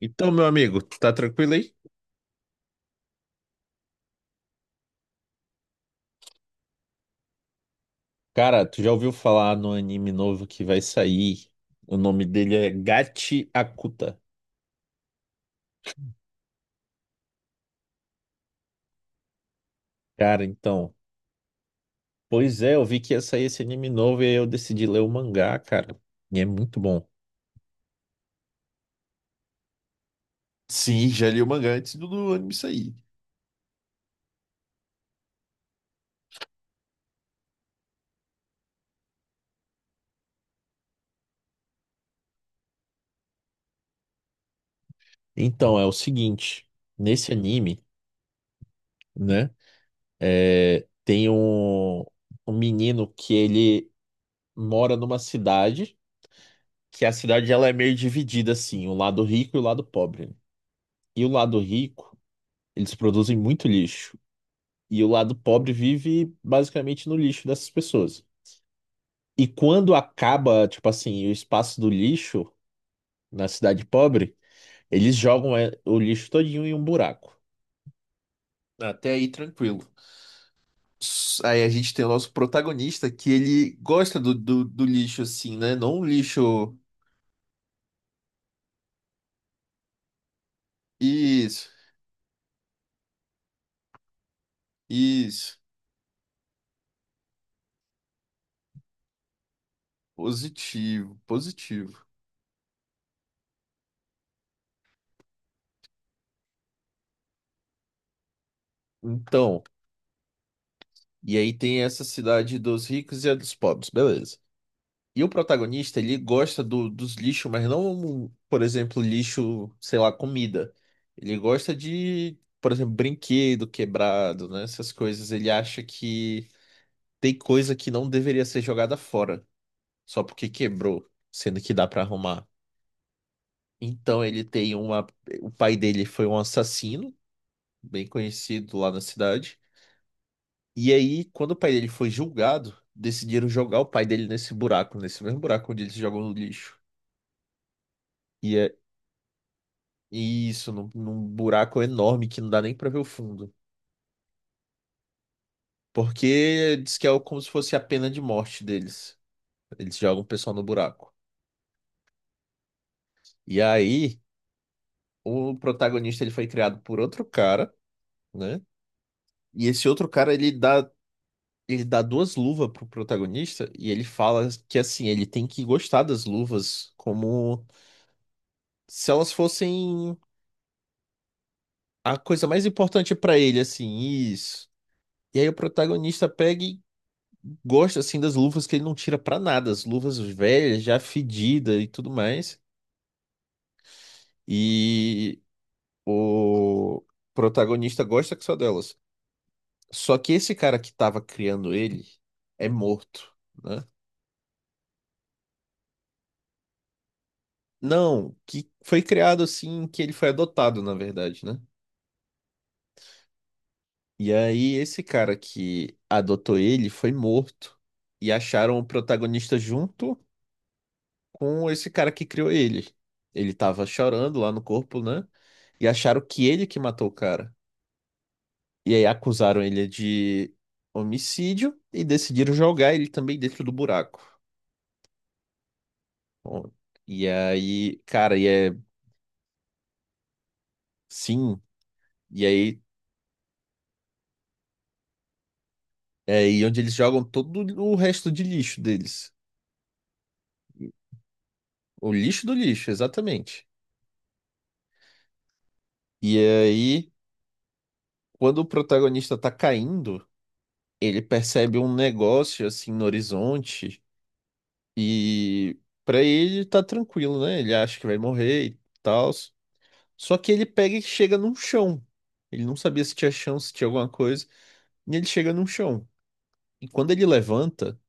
Então, meu amigo, tu tá tranquilo aí? Cara, tu já ouviu falar no anime novo que vai sair? O nome dele é Gachi Akuta. Cara, então. Pois é, eu vi que ia sair esse anime novo e aí eu decidi ler o mangá, cara. E é muito bom. Sim, já li o mangá antes do anime sair. Então, é o seguinte: nesse anime, né, tem um menino que ele mora numa cidade, que a cidade ela é meio dividida assim, o lado rico e o lado pobre, né? E o lado rico, eles produzem muito lixo. E o lado pobre vive basicamente no lixo dessas pessoas. E quando acaba, tipo assim, o espaço do lixo na cidade pobre, eles jogam o lixo todinho em um buraco. Até aí, tranquilo. Aí a gente tem o nosso protagonista que ele gosta do lixo assim, né? Não um lixo. Isso, isso. Positivo, positivo. Então, e aí tem essa cidade dos ricos e a dos pobres, beleza. E o protagonista, ele gosta do- dos lixos, mas não, por exemplo, lixo, sei lá, comida. Ele gosta de, por exemplo, brinquedo quebrado, né? Essas coisas. Ele acha que tem coisa que não deveria ser jogada fora, só porque quebrou, sendo que dá pra arrumar. Então ele tem uma. O pai dele foi um assassino, bem conhecido lá na cidade. E aí, quando o pai dele foi julgado, decidiram jogar o pai dele nesse buraco, nesse mesmo buraco onde eles jogam no lixo. e é Isso, num buraco enorme que não dá nem pra ver o fundo. Porque diz que é como se fosse a pena de morte deles. Eles jogam o pessoal no buraco. E aí, o protagonista ele foi criado por outro cara, né? E esse outro cara ele dá duas luvas pro protagonista e ele fala que assim, ele tem que gostar das luvas como se elas fossem a coisa mais importante pra ele, assim, isso. E aí o protagonista pega e gosto assim das luvas que ele não tira pra nada, as luvas velhas, já fedidas e tudo mais. E o protagonista gosta que só delas. Só que esse cara que tava criando ele é morto, né? Não, que foi criado assim, que ele foi adotado, na verdade, né? E aí esse cara que adotou ele foi morto e acharam o protagonista junto com esse cara que criou ele. Ele tava chorando lá no corpo, né, e acharam que ele que matou o cara. E aí acusaram ele de homicídio e decidiram jogar ele também dentro do buraco. Bom, E aí, cara, e é sim, e aí é aí onde eles jogam todo o resto de lixo deles. O lixo do lixo, exatamente. E aí, quando o protagonista tá caindo, ele percebe um negócio assim no horizonte e pra ele tá tranquilo, né? Ele acha que vai morrer e tal. Só que ele pega e chega num chão. Ele não sabia se tinha chão, se tinha alguma coisa, e ele chega num chão. E quando ele levanta,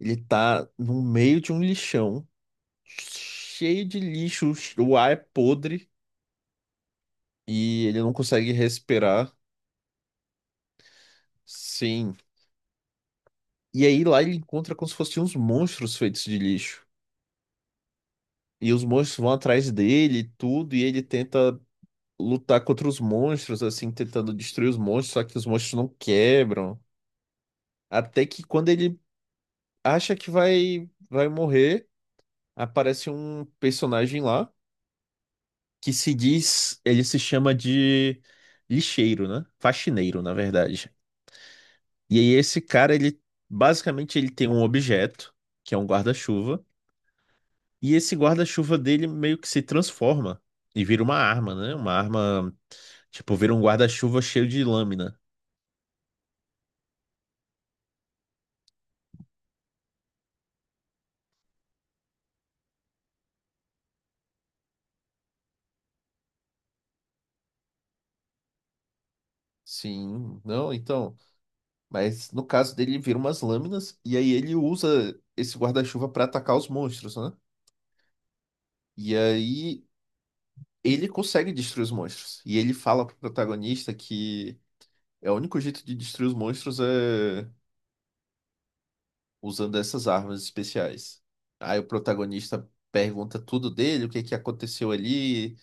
ele tá no meio de um lixão, cheio de lixo, o ar é podre e ele não consegue respirar. Sim. E aí lá ele encontra como se fossem uns monstros feitos de lixo. E os monstros vão atrás dele, e tudo, e ele tenta lutar contra os monstros, assim, tentando destruir os monstros, só que os monstros não quebram. Até que quando ele acha que vai morrer, aparece um personagem lá que se diz, ele se chama de lixeiro, né? Faxineiro, na verdade. E aí esse cara, ele basicamente ele tem um objeto, que é um guarda-chuva, e esse guarda-chuva dele meio que se transforma e vira uma arma, né? Uma arma, tipo, vira um guarda-chuva cheio de lâmina. Sim, não, então, mas no caso dele, ele vira umas lâminas e aí ele usa esse guarda-chuva pra atacar os monstros, né? E aí ele consegue destruir os monstros. E ele fala pro protagonista que é o único jeito de destruir os monstros é usando essas armas especiais. Aí o protagonista pergunta tudo dele, o que que aconteceu ali,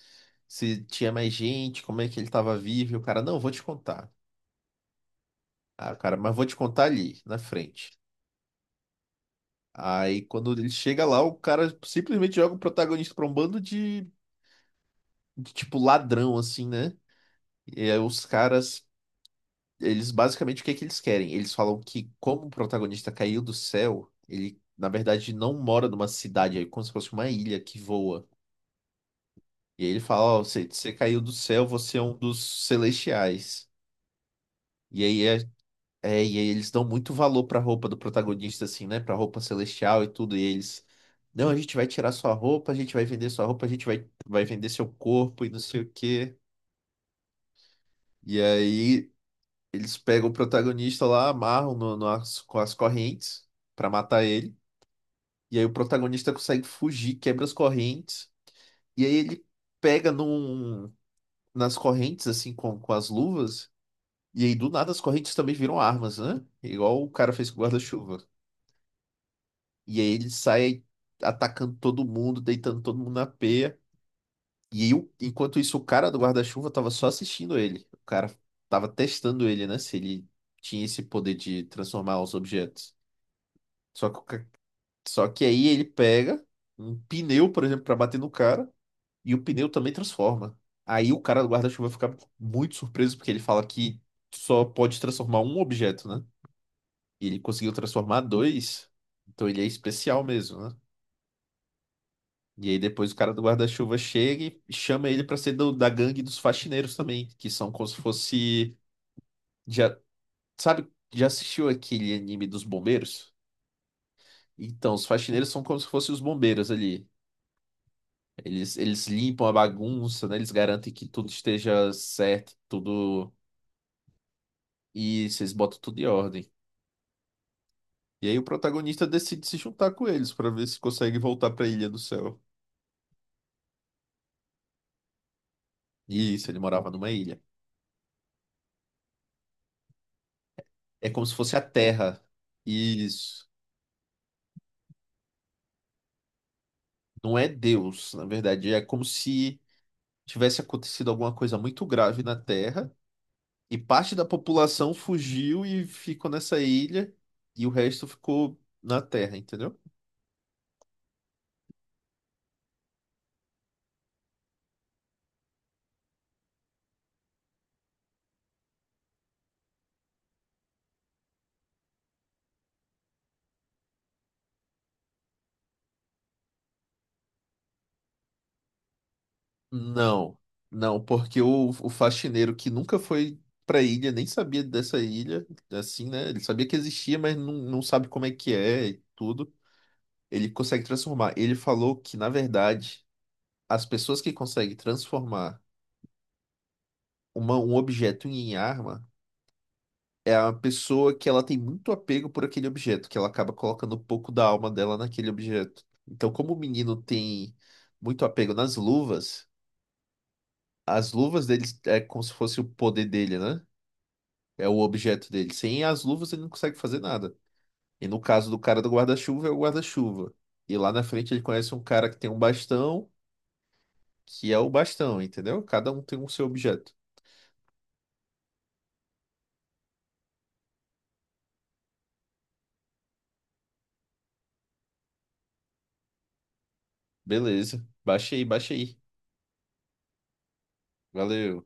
se tinha mais gente, como é que ele estava vivo. E o cara, não, vou te contar. Ah, cara, mas vou te contar ali, na frente. Aí quando ele chega lá, o cara simplesmente joga o protagonista pra um bando de tipo ladrão, assim, né? E aí os caras eles basicamente o que é que eles querem? Eles falam que como o protagonista caiu do céu, ele na verdade não mora numa cidade, é como se fosse uma ilha que voa. E aí ele fala, ó, você caiu do céu, você é um dos celestiais. E aí e aí eles dão muito valor pra roupa do protagonista assim, né, pra roupa celestial e tudo, e eles não, a gente vai tirar sua roupa, a gente vai vender sua roupa, a gente vai vender seu corpo e não sei o quê. E aí eles pegam o protagonista lá, amarram com as correntes pra matar ele. E aí o protagonista consegue fugir, quebra as correntes. E aí ele pega nas correntes, assim, com as luvas. E aí do nada as correntes também viram armas, né? Igual o cara fez com o guarda-chuva. E aí ele sai atacando todo mundo, deitando todo mundo na peia. E aí, enquanto isso, o cara do guarda-chuva tava só assistindo ele. O cara tava testando ele, né? Se ele tinha esse poder de transformar os objetos. Só que, o ca- Só que aí ele pega um pneu, por exemplo, pra bater no cara, e o pneu também transforma. Aí o cara do guarda-chuva fica muito surpreso, porque ele fala que só pode transformar um objeto, né? E ele conseguiu transformar dois, então ele é especial mesmo, né? E aí depois o cara do guarda-chuva chega e chama ele pra ser da gangue dos faxineiros também, que são como se fosse... Já, sabe, já assistiu aquele anime dos bombeiros? Então, os faxineiros são como se fossem os bombeiros ali. Eles limpam a bagunça, né? Eles garantem que tudo esteja certo, tudo. Isso, eles botam tudo em ordem. E aí o protagonista decide se juntar com eles para ver se consegue voltar para a Ilha do Céu. Isso, ele morava numa ilha. É como se fosse a Terra. Isso. Não é Deus, na verdade. É como se tivesse acontecido alguma coisa muito grave na Terra e parte da população fugiu e ficou nessa ilha e o resto ficou na Terra, entendeu? Não, não, porque o faxineiro que nunca foi pra ilha, nem sabia dessa ilha, assim, né? Ele sabia que existia, mas não sabe como é que é e tudo. Ele consegue transformar. Ele falou que, na verdade, as pessoas que conseguem transformar um objeto em arma é a pessoa que ela tem muito apego por aquele objeto, que ela acaba colocando um pouco da alma dela naquele objeto. Então, como o menino tem muito apego nas luvas, as luvas dele é como se fosse o poder dele, né? É o objeto dele. Sem as luvas ele não consegue fazer nada. E no caso do cara do guarda-chuva, é o guarda-chuva. E lá na frente ele conhece um cara que tem um bastão, que é o bastão, entendeu? Cada um tem o seu objeto. Beleza. Baixa aí, baixa aí. Valeu.